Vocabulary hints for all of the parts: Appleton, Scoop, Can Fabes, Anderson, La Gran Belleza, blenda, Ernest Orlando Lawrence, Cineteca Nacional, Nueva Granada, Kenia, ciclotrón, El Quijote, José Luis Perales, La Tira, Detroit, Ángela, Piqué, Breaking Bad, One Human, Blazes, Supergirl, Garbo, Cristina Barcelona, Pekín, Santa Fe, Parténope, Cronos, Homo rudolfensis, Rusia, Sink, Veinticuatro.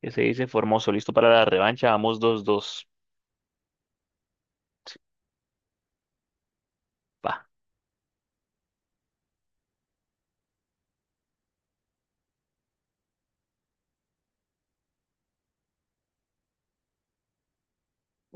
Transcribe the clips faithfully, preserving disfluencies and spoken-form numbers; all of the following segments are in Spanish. ¿Qué se dice? Formoso, listo para la revancha. Vamos dos dos. Sí. Va.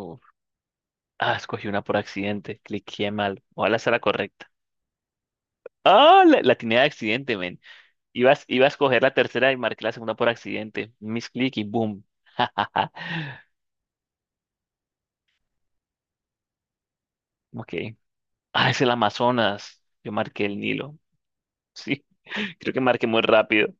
Uf, Ah, escogí una por accidente. Cliqué mal. Ojalá sea la correcta. Ah, la, la tenía de accidente, men. Ibas, iba a escoger la tercera y marqué la segunda por accidente. Misclick y boom. Ok. Ah, es el Amazonas. Yo marqué el Nilo. Sí, creo que marqué muy rápido.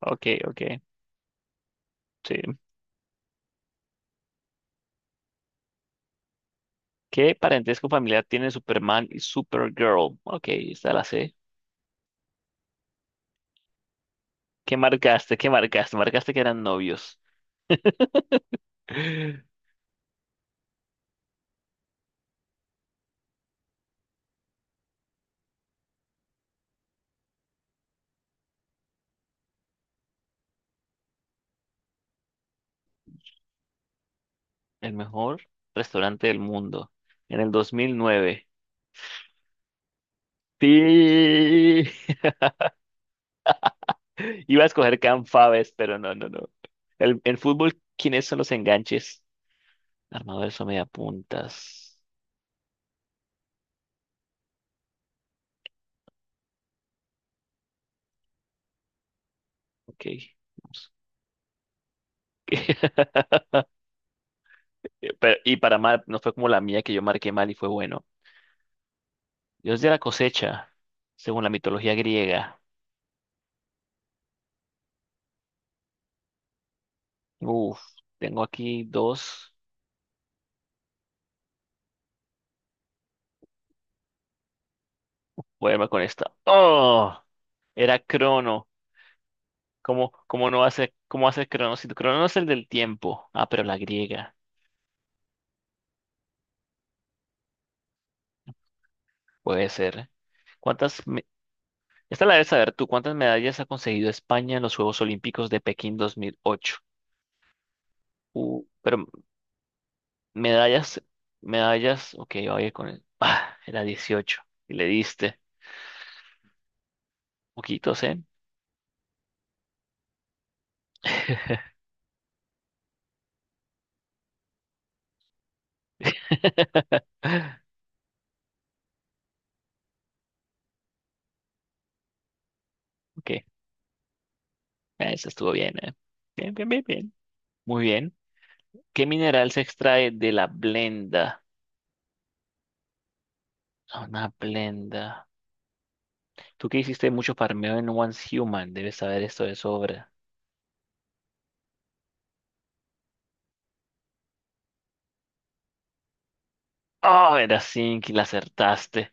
Ok, ok. Sí. ¿Qué parentesco familiar tienen Superman y Supergirl? Ok, está la C. ¿Qué marcaste? ¿Qué marcaste? Marcaste que eran novios. El mejor restaurante del mundo. En el dos mil nueve. Sí. Iba a escoger Can Fabes, pero no, no, no. El, en fútbol, ¿quiénes son los enganches? ¿Armadores o mediapuntas? Ok, vamos. Pero y para mal, no fue como la mía que yo marqué mal y fue bueno. Dios de la cosecha, según la mitología griega. Uf, tengo aquí dos. Voy a irme con esta. ¡Oh! Era Crono. ¿Cómo, cómo no hace, cómo hace Cronos? Si tu Cronos es el del tiempo. Ah, pero la griega. Puede ser. ¿Cuántas? me- Esta la debes saber tú. ¿Cuántas medallas ha conseguido España en los Juegos Olímpicos de Pekín dos mil ocho? Uh, pero medallas, medallas. Ok, oye, con el. Ah, era dieciocho. Y le diste. Poquitos, ¿eh? Ok, eh, eso estuvo bien, ¿eh? Bien, bien, bien, bien. Muy bien. ¿Qué mineral se extrae de la blenda? Ah, una blenda. Tú que hiciste mucho farmeo en One Human, debes saber esto de sobra. Oh, era Sink y la acertaste.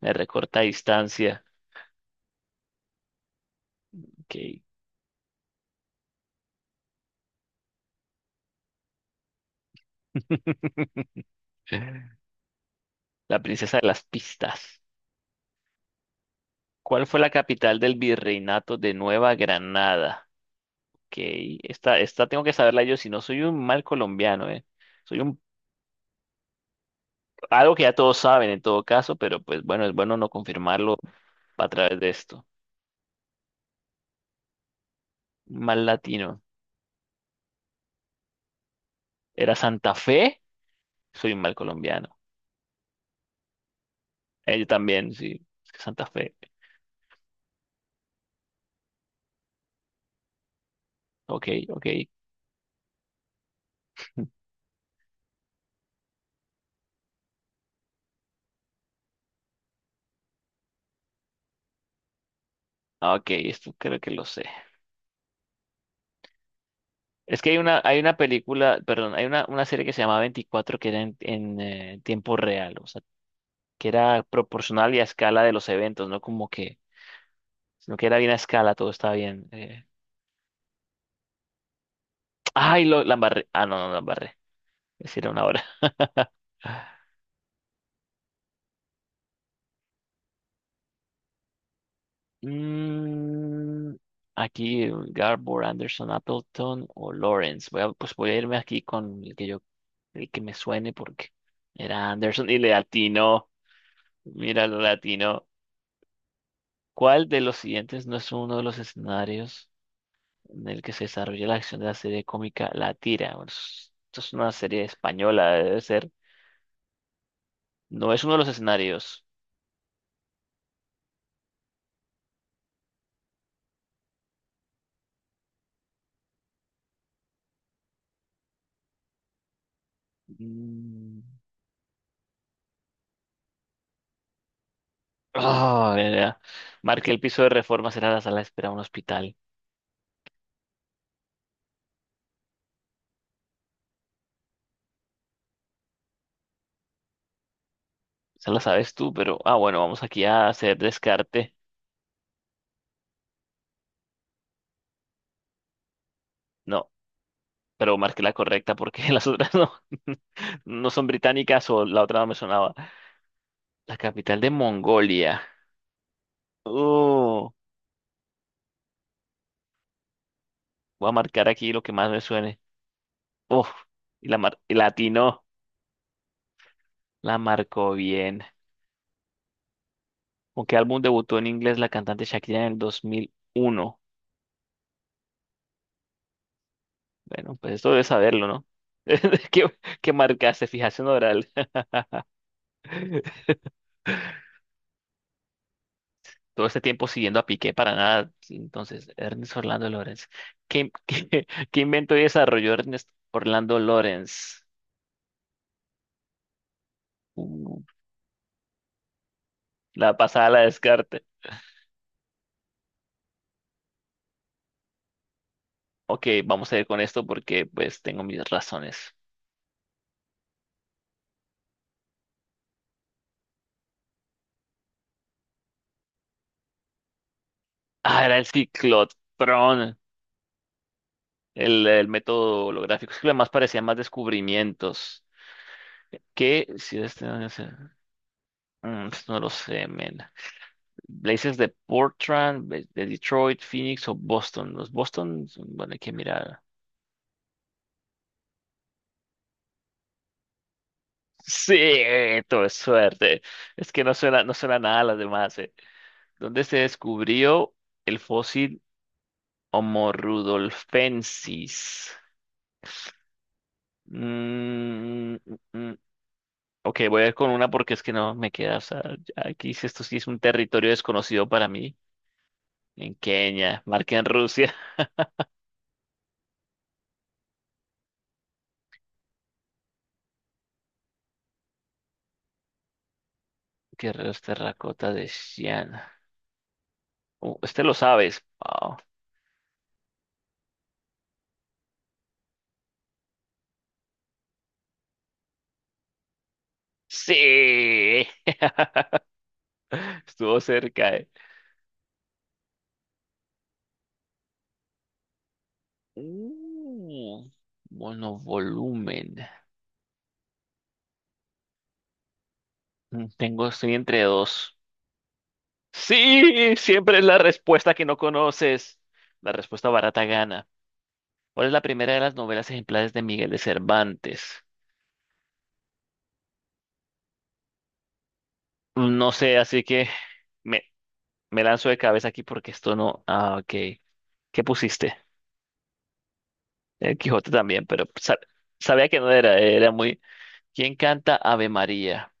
Me recorta distancia. Ok. La princesa de las pistas. ¿Cuál fue la capital del virreinato de Nueva Granada? Ok, esta, esta tengo que saberla yo, si no soy un mal colombiano, ¿eh? Soy un, algo que ya todos saben en todo caso, pero pues bueno, es bueno no confirmarlo a través de esto. Mal latino. ¿Era Santa Fe? Soy un mal colombiano. Eh, yo también, sí. Es que Santa Fe. Ok, ok. Ah, ok, esto creo que lo sé. Es que hay una, hay una película, perdón, hay una, una serie que se llama Veinticuatro que era en, en, eh, tiempo real, o sea, que era proporcional y a escala de los eventos, no como que, sino que era bien a escala, todo estaba bien, eh. Ay, lo, la embarré. Ah, no, no, la embarré. Es decir, era una hora. Mm, aquí, Garbo, Anderson, Appleton o Lawrence. Voy a, pues voy a irme aquí con el que yo, el que me suene porque era Anderson y le atinó. Mira, lo latino. ¿Cuál de los siguientes no es uno de los escenarios en el que se desarrolla la acción de la serie cómica La Tira? Bueno, es- esto es una serie española, debe ser. No es uno de los escenarios. Mm. Ah, era. Marque el piso de reforma será la sala de espera de un hospital. Esa la sabes tú, pero ah, bueno, vamos aquí a hacer descarte. No, pero marqué la correcta porque las otras no, no son británicas o la otra no me sonaba. La capital de Mongolia. Uh, voy a marcar aquí lo que más me suene. Uf, y la mar y la atinó. La marcó bien. ¿Con qué álbum debutó en inglés la cantante Shakira en el dos mil uno? Bueno, pues esto debe saberlo, ¿no? ¿Qué, ¿qué marcaste? Fijación oral. Todo este tiempo siguiendo a Piqué para nada. Entonces, Ernest Orlando Lawrence. ¿Qué, qué, ¿qué inventó y desarrolló Ernest Orlando Lawrence? Uh, la pasada la descarte. Ok, vamos a ir con esto porque pues tengo mis razones. Ah, era el ciclotrón, el, el método holográfico. Es que lo demás parecía más descubrimientos. ¿Qué? Si este no sé. Mm, pues, no lo sé, men. Blazes de Portland, de de Detroit, Phoenix o Boston. Los Boston, bueno, hay que mirar. Sí, eh, tuve suerte. Es que no suena, no suena nada a las demás, eh. ¿Dónde se descubrió el fósil Homo rudolfensis? Mm, mm, mm. Ok, voy a ir con una porque es que no me queda. O sea, ya aquí sí, esto sí es un territorio desconocido para mí. En Kenia, marca en Rusia. Guerreros terracota de Xi'an. Uh, este lo sabes. Wow. Sí, estuvo cerca, eh. Uh, monovolumen. Mm, tengo, estoy entre dos. Sí, siempre es la respuesta que no conoces. La respuesta barata gana. ¿Cuál es la primera de las novelas ejemplares de Miguel de Cervantes? Mm, no sé, así que me, me lanzo de cabeza aquí porque esto no. Ah, ok. ¿Qué pusiste? El Quijote también, pero sa- sabía que no era, era muy. ¿Quién canta Ave María?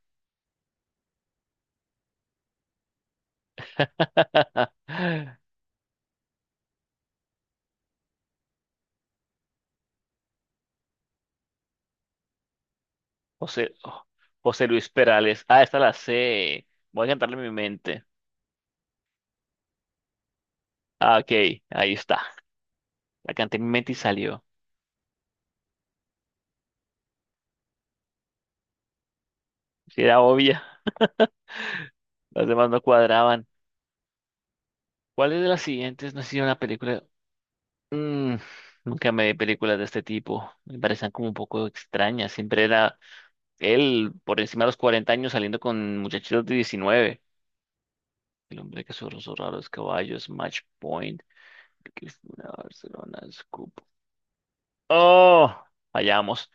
José, José Luis Perales. Ah, esta la sé. Voy a cantarle en mi mente. Ah, ok, ahí está. La canté en mi mente y salió. Si era obvia, las demás no cuadraban. ¿Cuáles de las siguientes no ha sido una película? Mm, nunca me vi películas de este tipo. Me parecían como un poco extrañas. Siempre era él por encima de los cuarenta años saliendo con muchachitos de diecinueve. El hombre que sobre sus raros caballos, Match Point, Cristina Barcelona, Scoop. ¡Oh! Fallamos.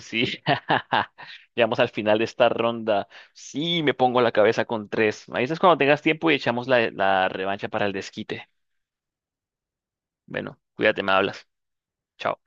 Sí, llegamos al final de esta ronda. Sí, me pongo la cabeza con tres. Me dices cuando tengas tiempo y echamos la, la revancha para el desquite. Bueno, cuídate, me hablas. Chao.